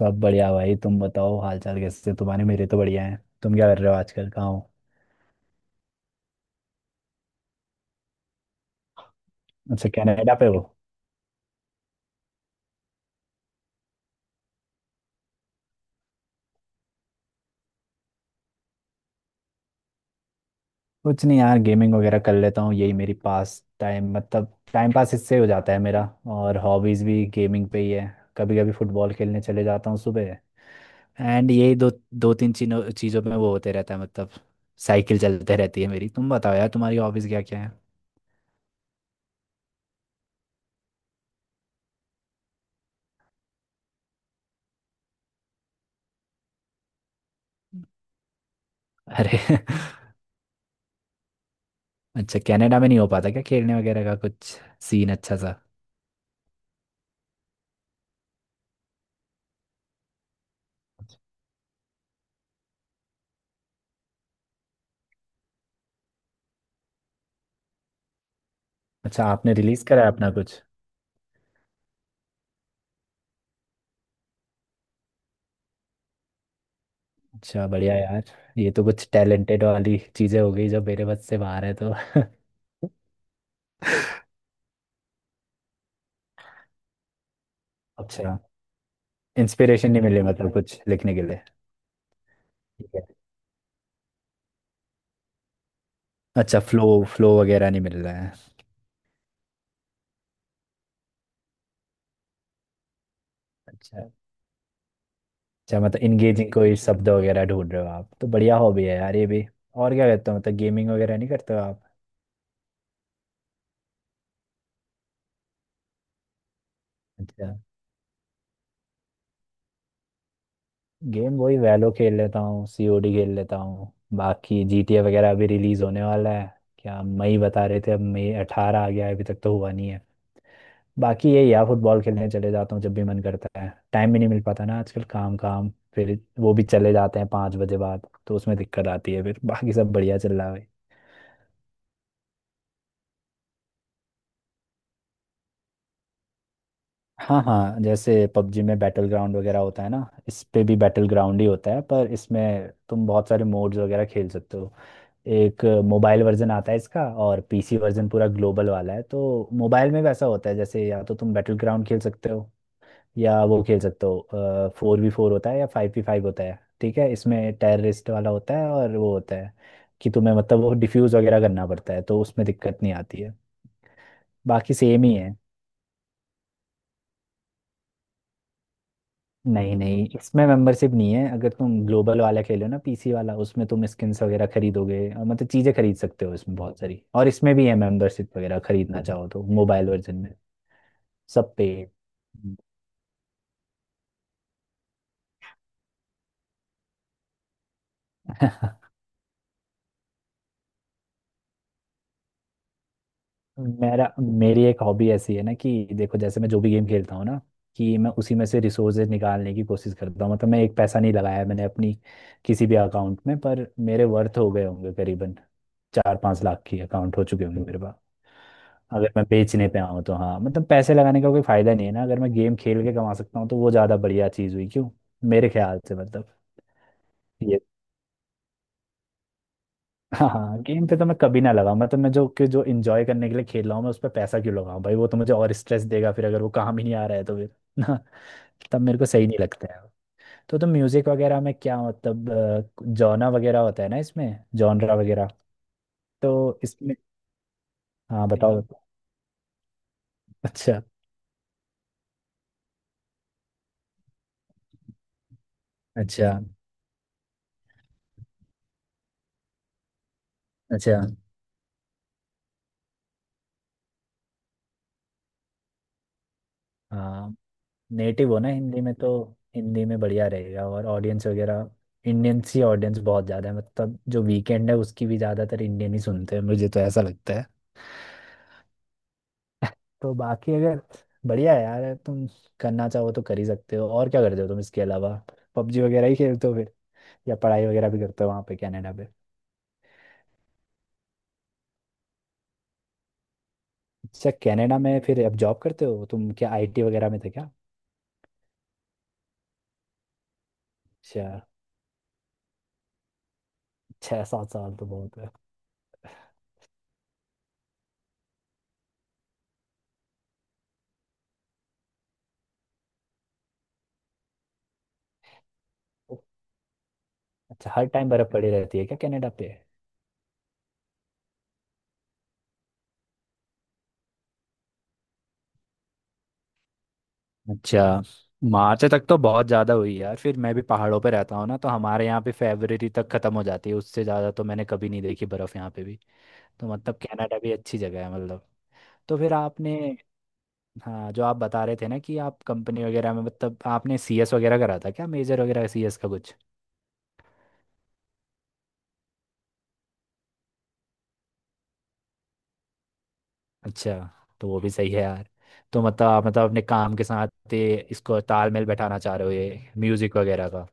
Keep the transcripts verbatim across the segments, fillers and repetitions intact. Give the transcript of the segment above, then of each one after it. सब बढ़िया भाई। तुम बताओ हालचाल कैसे तुम्हारे। मेरे तो बढ़िया हैं। तुम क्या कर रहे हो आजकल कहाँ हो। अच्छा कनाडा पे हो। कुछ नहीं यार गेमिंग वगैरह कर लेता हूँ। यही मेरी पास टाइम मतलब टाइम पास इससे हो जाता है मेरा। और हॉबीज भी गेमिंग पे ही है। कभी कभी फुटबॉल खेलने चले जाता हूँ सुबह। एंड यही दो दो तीन चीनों चीज़ों में वो होते रहता है मतलब। साइकिल चलते रहती है मेरी। तुम बताओ यार तुम्हारी हॉबीज क्या क्या है। अरे अच्छा कनाडा में नहीं हो पाता क्या खेलने वगैरह का कुछ सीन अच्छा सा। अच्छा आपने रिलीज करा है अपना कुछ। अच्छा बढ़िया यार। ये तो कुछ टैलेंटेड वाली चीजें हो गई जो मेरे बस से बाहर है तो अच्छा। इंस्पिरेशन नहीं मिले मतलब कुछ लिखने के लिए। ठीक है। अच्छा फ्लो फ्लो वगैरह नहीं मिल रहा है। अच्छा। अच्छा मतलब इंगेजिंग कोई शब्द वगैरह ढूंढ रहे हो आप तो बढ़िया हॉबी है यार ये भी। और क्या करते हो मतलब गेमिंग वगैरह नहीं करते हो आप। अच्छा। गेम वही वैलो खेल लेता हूँ। सीओडी खेल लेता हूँ। बाकी जीटीए वगैरह अभी रिलीज होने वाला है। क्या मई बता रहे थे। अब मई अठारह आ गया है अभी तक तो हुआ नहीं है। बाकी यही यार फुटबॉल खेलने चले जाता हूँ जब भी मन करता है। टाइम भी नहीं मिल पाता ना आजकल। काम काम फिर वो भी चले जाते हैं पाँच बजे बाद तो उसमें दिक्कत आती है फिर बाकी सब बढ़िया चल रहा है भाई। हाँ हाँ जैसे पबजी में बैटल ग्राउंड वगैरह होता है ना। इस पे भी बैटल ग्राउंड ही होता है पर इसमें तुम बहुत सारे मोड्स वगैरह खेल सकते हो। एक मोबाइल वर्जन आता है इसका और पीसी वर्जन पूरा ग्लोबल वाला है तो मोबाइल में वैसा होता है जैसे या तो तुम बैटल ग्राउंड खेल सकते हो। या वो खेल सकते हो। फोर वी फोर होता है या फाइव वी फाइव होता है। ठीक है इसमें टेररिस्ट वाला होता है और वो होता है कि तुम्हें मतलब वो डिफ्यूज वगैरह करना पड़ता है तो उसमें दिक्कत नहीं आती है। बाकी सेम ही है। नहीं नहीं इसमें मेंबरशिप नहीं है। अगर तुम ग्लोबल वाला खेलो ना पीसी वाला उसमें तुम स्किन्स वगैरह खरीदोगे और मतलब चीज़ें खरीद सकते हो इसमें बहुत सारी। और इसमें भी है मेंबरशिप वगैरह खरीदना चाहो तो मोबाइल वर्जन में। सब पे है। मेरा मेरी एक हॉबी ऐसी है ना कि देखो जैसे मैं जो भी गेम खेलता हूँ ना कि मैं उसी में से रिसोर्सेज निकालने की कोशिश करता हूँ। मतलब मैं एक पैसा नहीं लगाया है मैंने अपनी किसी भी अकाउंट में पर मेरे वर्थ हो गए होंगे करीबन चार पाँच लाख की अकाउंट हो चुके होंगे मेरे पास। अगर मैं बेचने पे आऊँ तो हाँ मतलब पैसे लगाने का कोई फायदा नहीं है ना अगर मैं गेम खेल के कमा सकता हूँ तो वो ज़्यादा बढ़िया चीज़ हुई क्यों मेरे ख्याल से मतलब। हाँ हाँ गेम पे तो मैं कभी ना लगाऊं। मैं तो मैं जो कि जो इंजॉय करने के लिए खेल रहा हूँ मैं उस पर पैसा क्यों लगाऊं भाई। वो तो मुझे और स्ट्रेस देगा फिर अगर वो काम ही नहीं आ रहा है तो फिर ना। तब मेरे को सही नहीं लगता है। तो तुम म्यूजिक वगैरह में क्या मतलब जॉना वगैरह होता है ना इसमें जॉनरा वगैरह तो इसमें। हाँ बताओ बताओ। अच्छा अच्छा अच्छा अच्छा। हाँ नेटिव हो ना हिंदी में तो। हिंदी में बढ़िया रहेगा और ऑडियंस वगैरह इंडियन सी ऑडियंस बहुत ज़्यादा है मतलब जो वीकेंड है उसकी भी ज़्यादातर इंडियन ही सुनते हैं मुझे तो ऐसा लगता है तो बाकी अगर बढ़िया है यार तुम करना चाहो तो कर ही सकते हो। और क्या करते हो तुम इसके अलावा पबजी वगैरह ही खेलते हो फिर या पढ़ाई वगैरह भी करते हो वहाँ पे कनाडा पे। अच्छा कनाडा में फिर अब जॉब करते हो तुम क्या आईटी वगैरह में थे क्या। अच्छा। छः सात साल तो बहुत है। अच्छा हर टाइम बर्फ़ पड़ी रहती है क्या कनाडा पे। अच्छा मार्च तक तो बहुत ज़्यादा हुई यार। फिर मैं भी पहाड़ों पे रहता हूँ ना तो हमारे यहाँ पे फरवरी तक ख़त्म हो जाती है। उससे ज़्यादा तो मैंने कभी नहीं देखी बर्फ़ यहाँ पे भी। तो मतलब कनाडा भी अच्छी जगह है मतलब। तो फिर आपने हाँ जो आप बता रहे थे ना कि आप कंपनी वगैरह में मतलब आपने सीएस वगैरह करा था क्या मेजर वगैरह सीएस का कुछ। अच्छा तो वो भी सही है यार। तो मतलब आप मतलब अपने काम के साथ ये इसको तालमेल बैठाना चाह रहे हो ये म्यूज़िक वगैरह का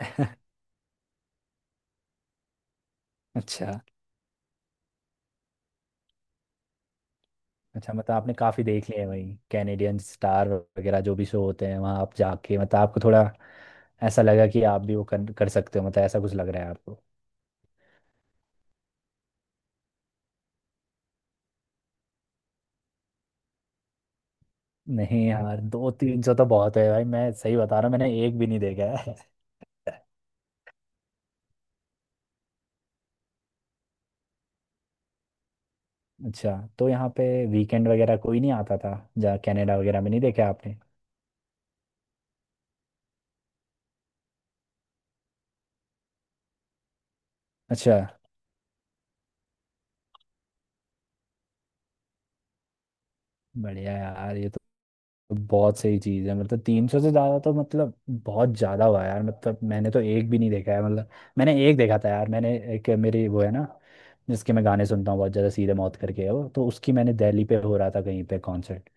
अच्छा अच्छा मतलब आपने काफी देख लिए हैं वही कैनेडियन स्टार वगैरह जो भी शो होते हैं वहां आप जाके मतलब आपको थोड़ा ऐसा लगा कि आप भी वो कर, कर सकते हो मतलब ऐसा कुछ लग रहा है आपको। नहीं यार दो तीन सौ तो बहुत है भाई। मैं सही बता रहा हूँ मैंने एक भी नहीं देखा है। अच्छा तो यहाँ पे वीकेंड वगैरह कोई नहीं आता था जहाँ कनाडा वगैरह में नहीं देखा आपने। अच्छा बढ़िया यार ये तो। तो बहुत सही चीज है मतलब तीन सौ से ज्यादा तो मतलब बहुत ज्यादा हुआ यार मतलब मैंने तो एक भी नहीं देखा है मतलब। मैंने एक देखा था यार। मैंने एक मेरी वो है ना जिसके मैं गाने सुनता हूँ बहुत ज्यादा सीधे मौत करके है वो तो उसकी मैंने दिल्ली पे हो रहा था कहीं पे कॉन्सर्ट।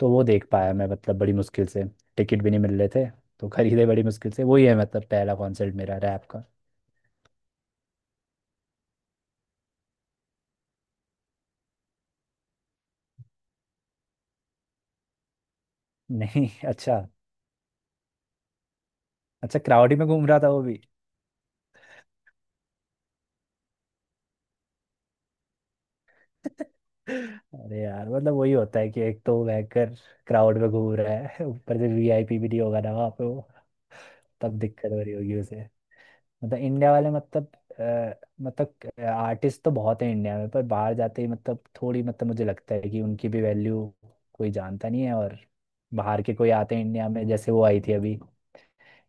तो वो देख पाया मैं मतलब बड़ी मुश्किल से। टिकट भी नहीं मिल रहे थे तो खरीदे बड़ी मुश्किल से। वही है मतलब पहला कॉन्सर्ट मेरा रैप का। नहीं अच्छा। अच्छा क्राउड ही में घूम रहा था वो भी। अरे यार मतलब वही होता है कि एक तो बैंकर क्राउड में घूम रहा है ऊपर से वीआईपी भी नहीं होगा ना वहाँ पे वो। तब दिक्कत हो रही होगी उसे मतलब इंडिया वाले मतलब अ, मतलब आर्टिस्ट तो बहुत है इंडिया में पर बाहर जाते ही मतलब थोड़ी मतलब मुझे लगता है कि उनकी भी वैल्यू कोई जानता नहीं है। और बाहर के कोई आते हैं इंडिया में जैसे वो आई थी अभी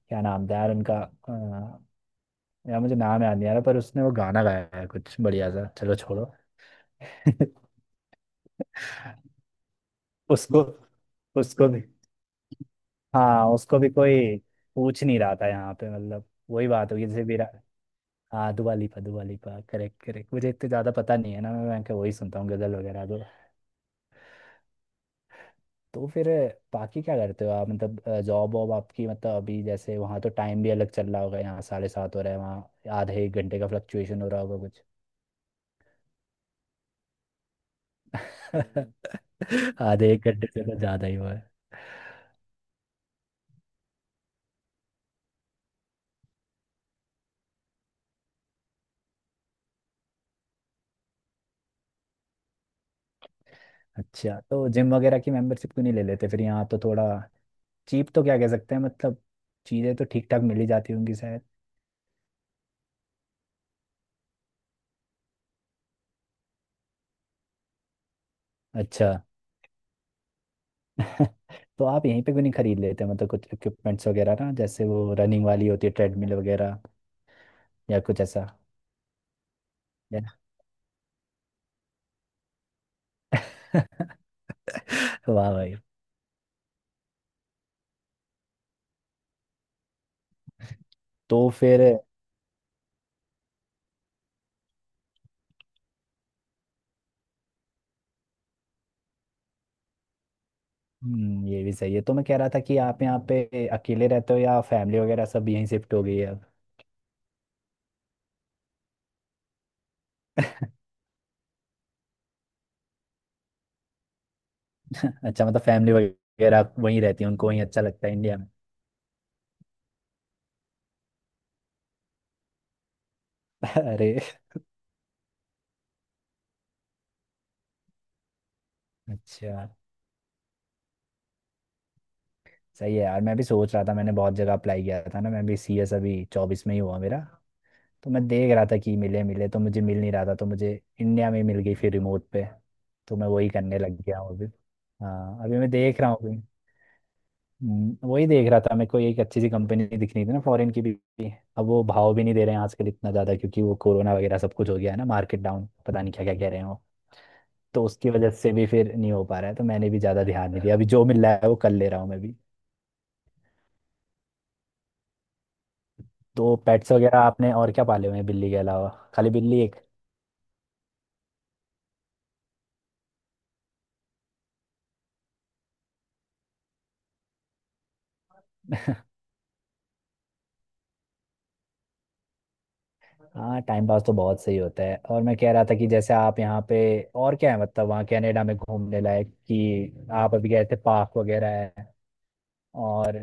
क्या नाम था यार उनका अ, यार मुझे नाम याद नहीं आ रहा पर उसने वो गाना गाया है कुछ बढ़िया सा चलो छोड़ो उसको उसको भी। हाँ उसको भी कोई पूछ नहीं रहा था यहाँ पे मतलब वही बात होगी जैसे विरा। हाँ दुआ लिपा दुआ लिपा करेक्ट करेक्ट। मुझे इतने ज़्यादा पता नहीं है ना। मैं मैं क्या वही सुनता हूँ गज़ल वगैरह तो। तो फिर बाकी क्या करते हो आप मतलब जॉब वॉब आपकी मतलब अभी जैसे वहाँ तो टाइम भी अलग चल रहा होगा यहाँ साढ़े सात हो रहा है वहाँ आधे एक घंटे का फ्लक्चुएशन हो रहा होगा कुछ। आधे एक घंटे से तो ज़्यादा ही हुआ है। अच्छा तो जिम वगैरह की मेंबरशिप क्यों नहीं ले लेते फिर यहाँ तो थोड़ा चीप तो क्या कह सकते हैं मतलब चीज़ें तो ठीक ठाक मिल ही जाती होंगी शायद। अच्छा। तो आप यहीं पे क्यों नहीं खरीद लेते मतलब कुछ इक्विपमेंट्स वगैरह ना जैसे वो रनिंग वाली होती है ट्रेडमिल वगैरह या कुछ ऐसा या वाह भाई। तो फिर हम्म, ये भी सही है। तो मैं कह रहा था कि आप यहाँ पे अकेले रहते हो या फैमिली वगैरह सब यहीं शिफ्ट हो गई है अब। अच्छा मतलब फैमिली वगैरह वहीं रहती है उनको वहीं अच्छा लगता है इंडिया में। अरे। अच्छा सही है यार। मैं भी सोच रहा था मैंने बहुत जगह अप्लाई किया था ना। मैं भी सीएस अभी चौबीस में ही हुआ मेरा। तो मैं देख रहा था कि मिले मिले तो मुझे मिल नहीं रहा था तो मुझे इंडिया में मिल गई फिर रिमोट पे। तो मैं वही करने लग गया हूँ अभी। हाँ अभी मैं देख रहा हूँ अभी। हम्म, वही देख रहा था मेरे को एक अच्छी सी कंपनी दिख रही थी ना फॉरेन की भी भी। अब वो भाव भी नहीं दे रहे हैं आजकल इतना ज़्यादा क्योंकि वो कोरोना वगैरह सब कुछ हो गया है ना। मार्केट डाउन पता नहीं क्या क्या कह रहे हैं वो। तो उसकी वजह से भी फिर नहीं हो पा रहा है। तो मैंने भी ज़्यादा ध्यान नहीं दिया। अभी जो मिल रहा है वो कर ले रहा हूँ मैं भी। तो पेट्स वगैरह आपने और क्या पाले हुए हैं बिल्ली के अलावा। खाली बिल्ली एक हाँ टाइम पास तो बहुत सही होता है। और मैं कह रहा था कि जैसे आप यहाँ पे और क्या है मतलब वहाँ कनाडा में घूमने लायक कि आप अभी गए थे पार्क वगैरह है और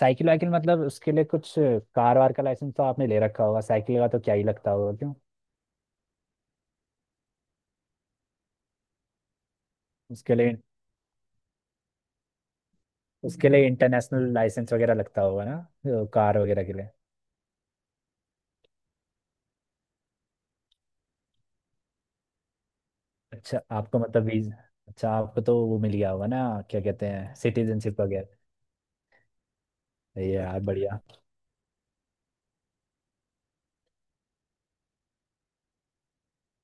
साइकिल वाइकिल मतलब उसके लिए कुछ कार वार का लाइसेंस तो आपने ले रखा होगा। साइकिल का तो क्या ही लगता होगा क्यों। उसके लिए उसके लिए इंटरनेशनल लाइसेंस वगैरह लगता होगा ना तो कार वगैरह के लिए। अच्छा आपको मतलब वीज अच्छा आपको तो वो मिल गया होगा ना क्या कहते हैं सिटीजनशिप वगैरह। ये यार बढ़िया।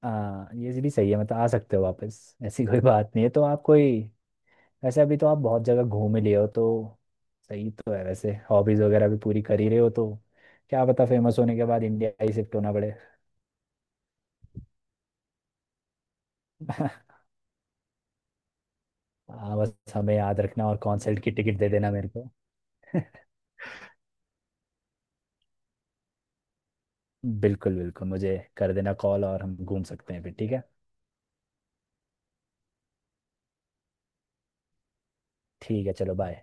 हाँ ये भी सही है मतलब आ सकते हो वापस ऐसी कोई बात नहीं है तो आप कोई वैसे अभी तो आप बहुत जगह घूम ही लिए हो तो सही तो है वैसे। हॉबीज वगैरह भी पूरी कर ही रहे हो तो क्या पता फेमस होने के बाद इंडिया ही शिफ्ट होना पड़े। हाँ बस हमें याद रखना और कॉन्सर्ट की टिकट दे देना मेरे को। बिल्कुल बिल्कुल मुझे कर देना कॉल और हम घूम सकते हैं फिर। ठीक है। ठीक है चलो बाय।